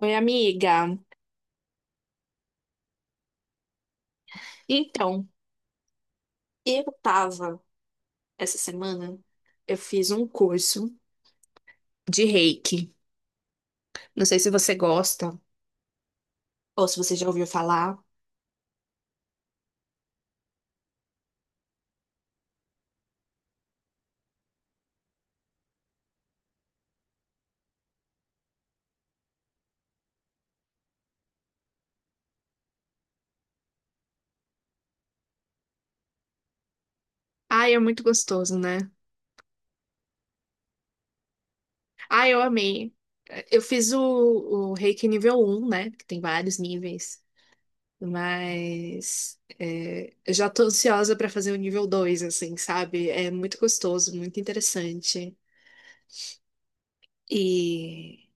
Oi, amiga. Então, eu tava essa semana, eu fiz um curso de reiki. Não sei se você gosta ou se você já ouviu falar. Ai, é muito gostoso, né? Ai, eu amei. Eu fiz o reiki nível um, né? Que tem vários níveis. Mas eu já tô ansiosa pra fazer o nível dois, assim, sabe? É muito gostoso, muito interessante. E.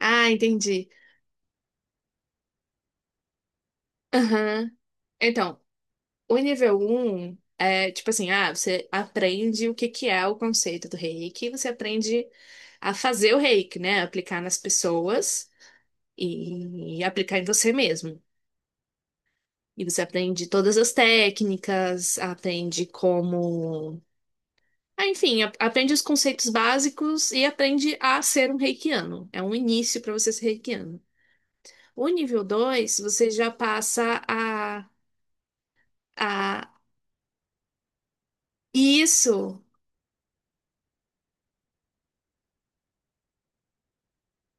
Ah, entendi. Aham. Então, o nível um é tipo assim, ah, você aprende o que que é o conceito do reiki, você aprende a fazer o reiki, né? Aplicar nas pessoas aplicar em você mesmo. E você aprende todas as técnicas, aprende como. Ah, enfim, aprende os conceitos básicos e aprende a ser um reikiano. É um início para você ser reikiano. O nível 2 você já passa a... Isso!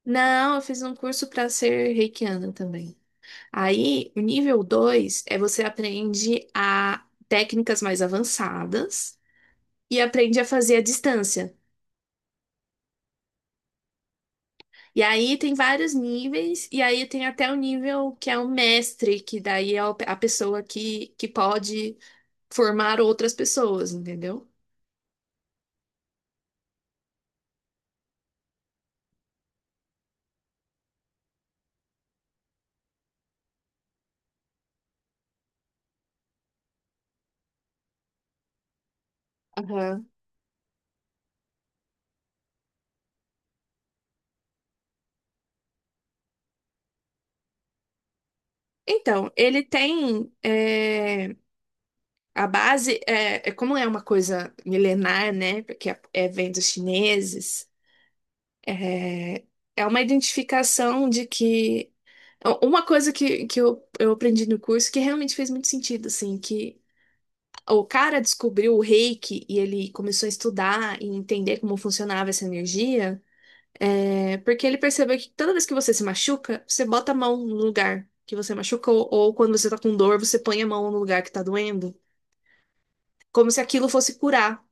Não, eu fiz um curso para ser reikiana também. Aí, o nível 2 é você aprende a técnicas mais avançadas e aprende a fazer à distância. E aí tem vários níveis, e aí tem até o nível que é o mestre, que daí é a pessoa que pode formar outras pessoas, entendeu? Aham. Então, ele tem a base, é como é uma coisa milenar, né? Porque é vem dos chineses. É, é uma identificação de que. Uma coisa que eu aprendi no curso que realmente fez muito sentido, assim, que o cara descobriu o reiki e ele começou a estudar e entender como funcionava essa energia, porque ele percebeu que toda vez que você se machuca, você bota a mão no lugar que você machucou, ou quando você tá com dor, você põe a mão no lugar que tá doendo, como se aquilo fosse curar.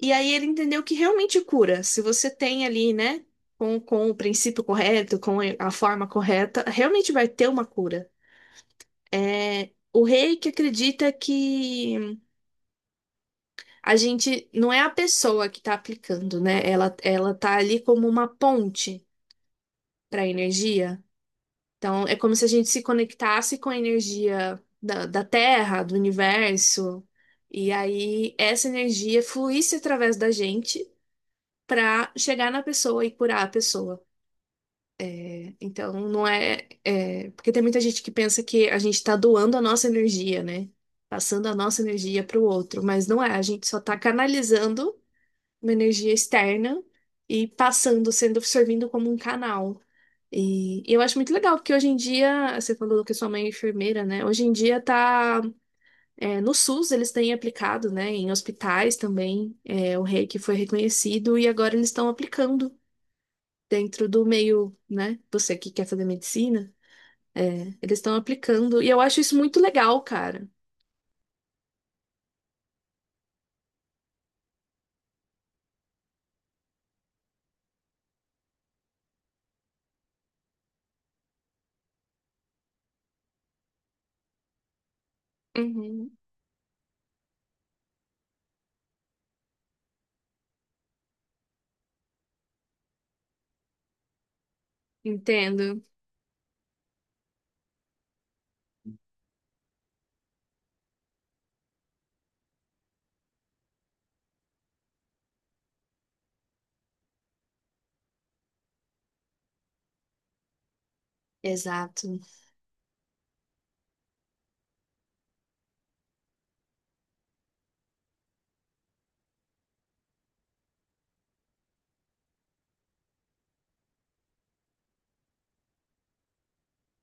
E aí ele entendeu que realmente cura. Se você tem ali, né, com o princípio correto, com a forma correta, realmente vai ter uma cura. É o rei que acredita que a gente não é a pessoa que está aplicando, né? Ela tá ali como uma ponte para a energia. Então é como se a gente se conectasse com a energia da Terra, do universo, e aí essa energia fluísse através da gente para chegar na pessoa e curar a pessoa. Então, não é, é- porque tem muita gente que pensa que a gente está doando a nossa energia, né? Passando a nossa energia para o outro, mas não é. A gente só está canalizando uma energia externa e passando, sendo, servindo como um canal. E eu acho muito legal, porque hoje em dia, você falou que sua mãe é enfermeira, né? Hoje em dia tá, é, no SUS eles têm aplicado, né? Em hospitais também, é, o reiki foi reconhecido e agora eles estão aplicando dentro do meio, né? Você que quer fazer medicina. É, eles estão aplicando. E eu acho isso muito legal, cara. Uhum, entendo. Exato.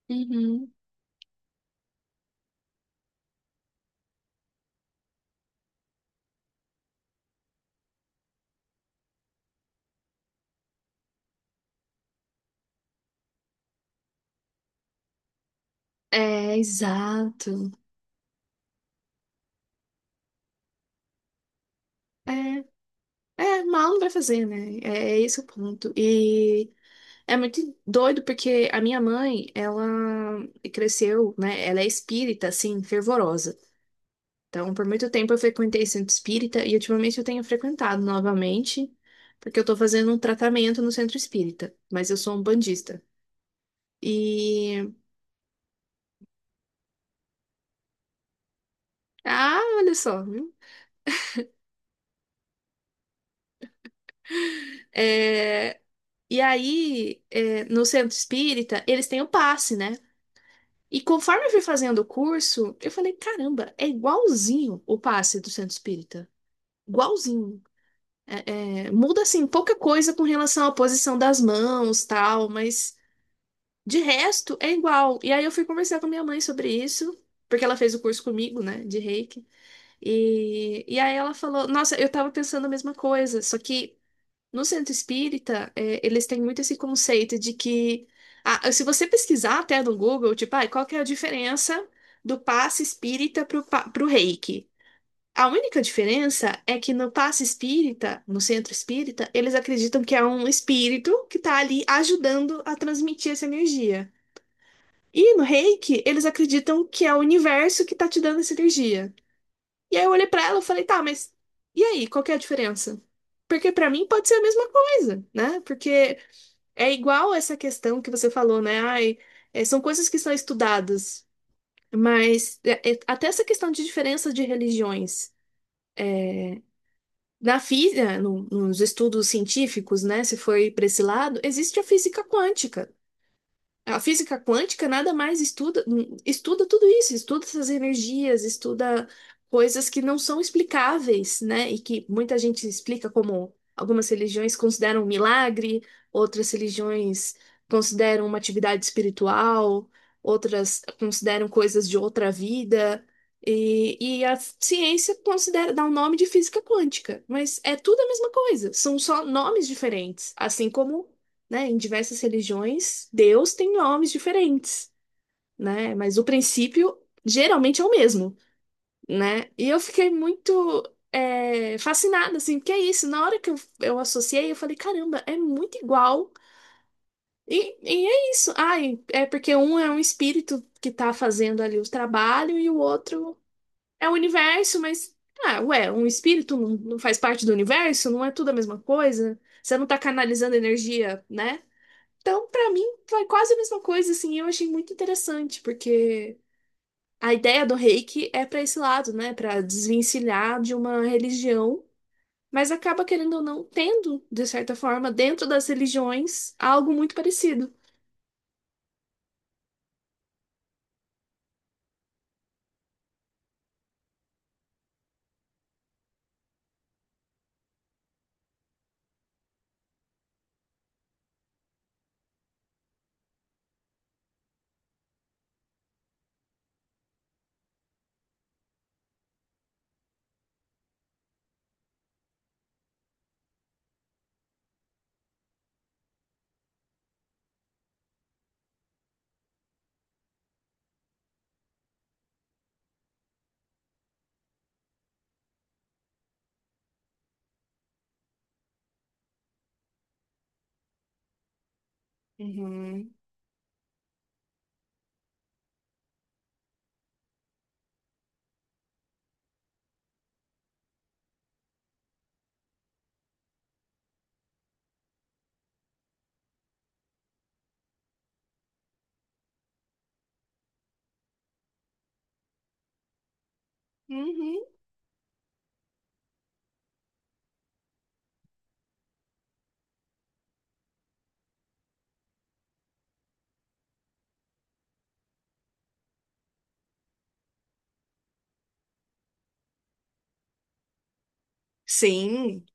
Uhum. É, exato. É, é, mal não vai fazer, né? É, é esse o ponto. E é muito doido porque a minha mãe, ela cresceu, né? Ela é espírita, assim, fervorosa. Então, por muito tempo eu frequentei centro espírita e ultimamente eu tenho frequentado novamente, porque eu tô fazendo um tratamento no centro espírita, mas eu sou um bandista. Ah, olha só, viu? É, e aí, é, no centro espírita, eles têm o passe, né? E conforme eu fui fazendo o curso, eu falei, caramba, é igualzinho o passe do centro espírita. Igualzinho. Muda, assim, pouca coisa com relação à posição das mãos, tal, mas de resto é igual. E aí eu fui conversar com minha mãe sobre isso, porque ela fez o curso comigo, né, de Reiki. E aí ela falou, nossa, eu tava pensando a mesma coisa, só que. No centro espírita, é, eles têm muito esse conceito de que, se você pesquisar até no Google, tipo, ah, qual que é a diferença do passe espírita pro, pro reiki? A única diferença é que no passe espírita, no centro espírita, eles acreditam que é um espírito que está ali ajudando a transmitir essa energia. E no reiki, eles acreditam que é o universo que está te dando essa energia. E aí eu olhei para ela e falei, tá, mas e aí, qual que é a diferença? Porque para mim pode ser a mesma coisa, né? Porque é igual essa questão que você falou, né? Ai, é, são coisas que são estudadas, mas até essa questão de diferença de religiões. Na física, nos estudos científicos, né? Se foi para esse lado, existe a física quântica. A física quântica nada mais estuda, estuda tudo isso, estuda essas energias, estuda coisas que não são explicáveis, né? E que muita gente explica como algumas religiões consideram um milagre, outras religiões consideram uma atividade espiritual, outras consideram coisas de outra vida. E a ciência considera, dá o nome de física quântica, mas é tudo a mesma coisa, são só nomes diferentes, assim como, né, em diversas religiões, Deus tem nomes diferentes, né? Mas o princípio geralmente é o mesmo, né? E eu fiquei muito fascinada, assim, porque é isso. Na hora que eu associei, eu falei, caramba, é muito igual. E é isso. Ai, é porque um é um espírito que tá fazendo ali o trabalho e o outro é o universo, mas. Ah, ué, um espírito não faz parte do universo? Não é tudo a mesma coisa? Você não tá canalizando energia, né? Então, pra mim, foi quase a mesma coisa, assim, eu achei muito interessante, porque a ideia do Reiki é pra esse lado, né, pra desvencilhar de uma religião, mas acaba querendo ou não tendo, de certa forma, dentro das religiões, algo muito parecido. Uhum. Uhum. Sim,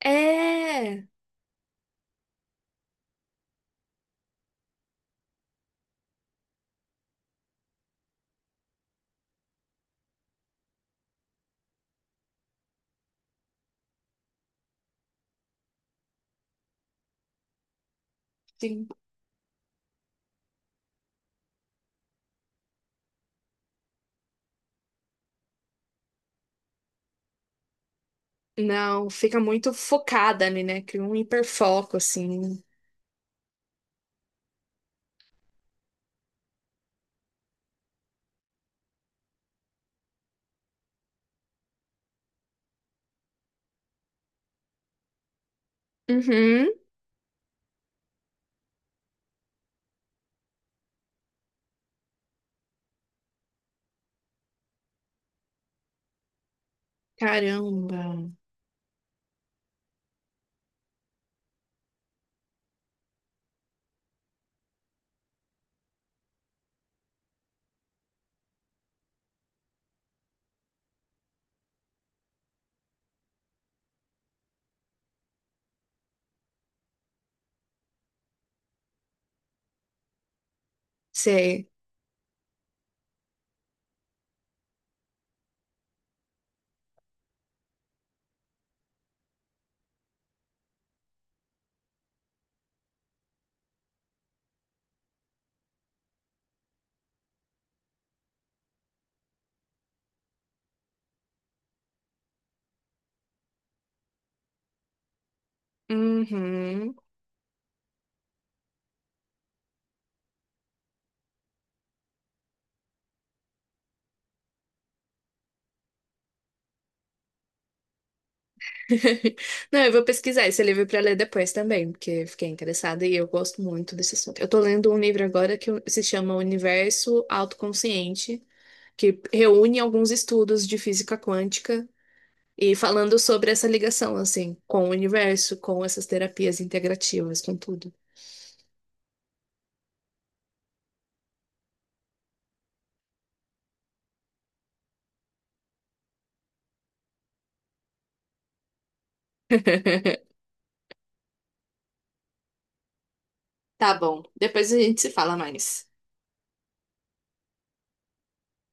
é, sim. Não, fica muito focada ali, né? Cria um hiperfoco, assim. Uhum. Caramba. Sei. Uhum. Não, eu vou pesquisar esse livro para ler depois também, porque fiquei interessada e eu gosto muito desse assunto. Eu tô lendo um livro agora que se chama Universo Autoconsciente, que reúne alguns estudos de física quântica e falando sobre essa ligação, assim, com o universo, com essas terapias integrativas, com tudo. Tá bom, depois a gente se fala mais.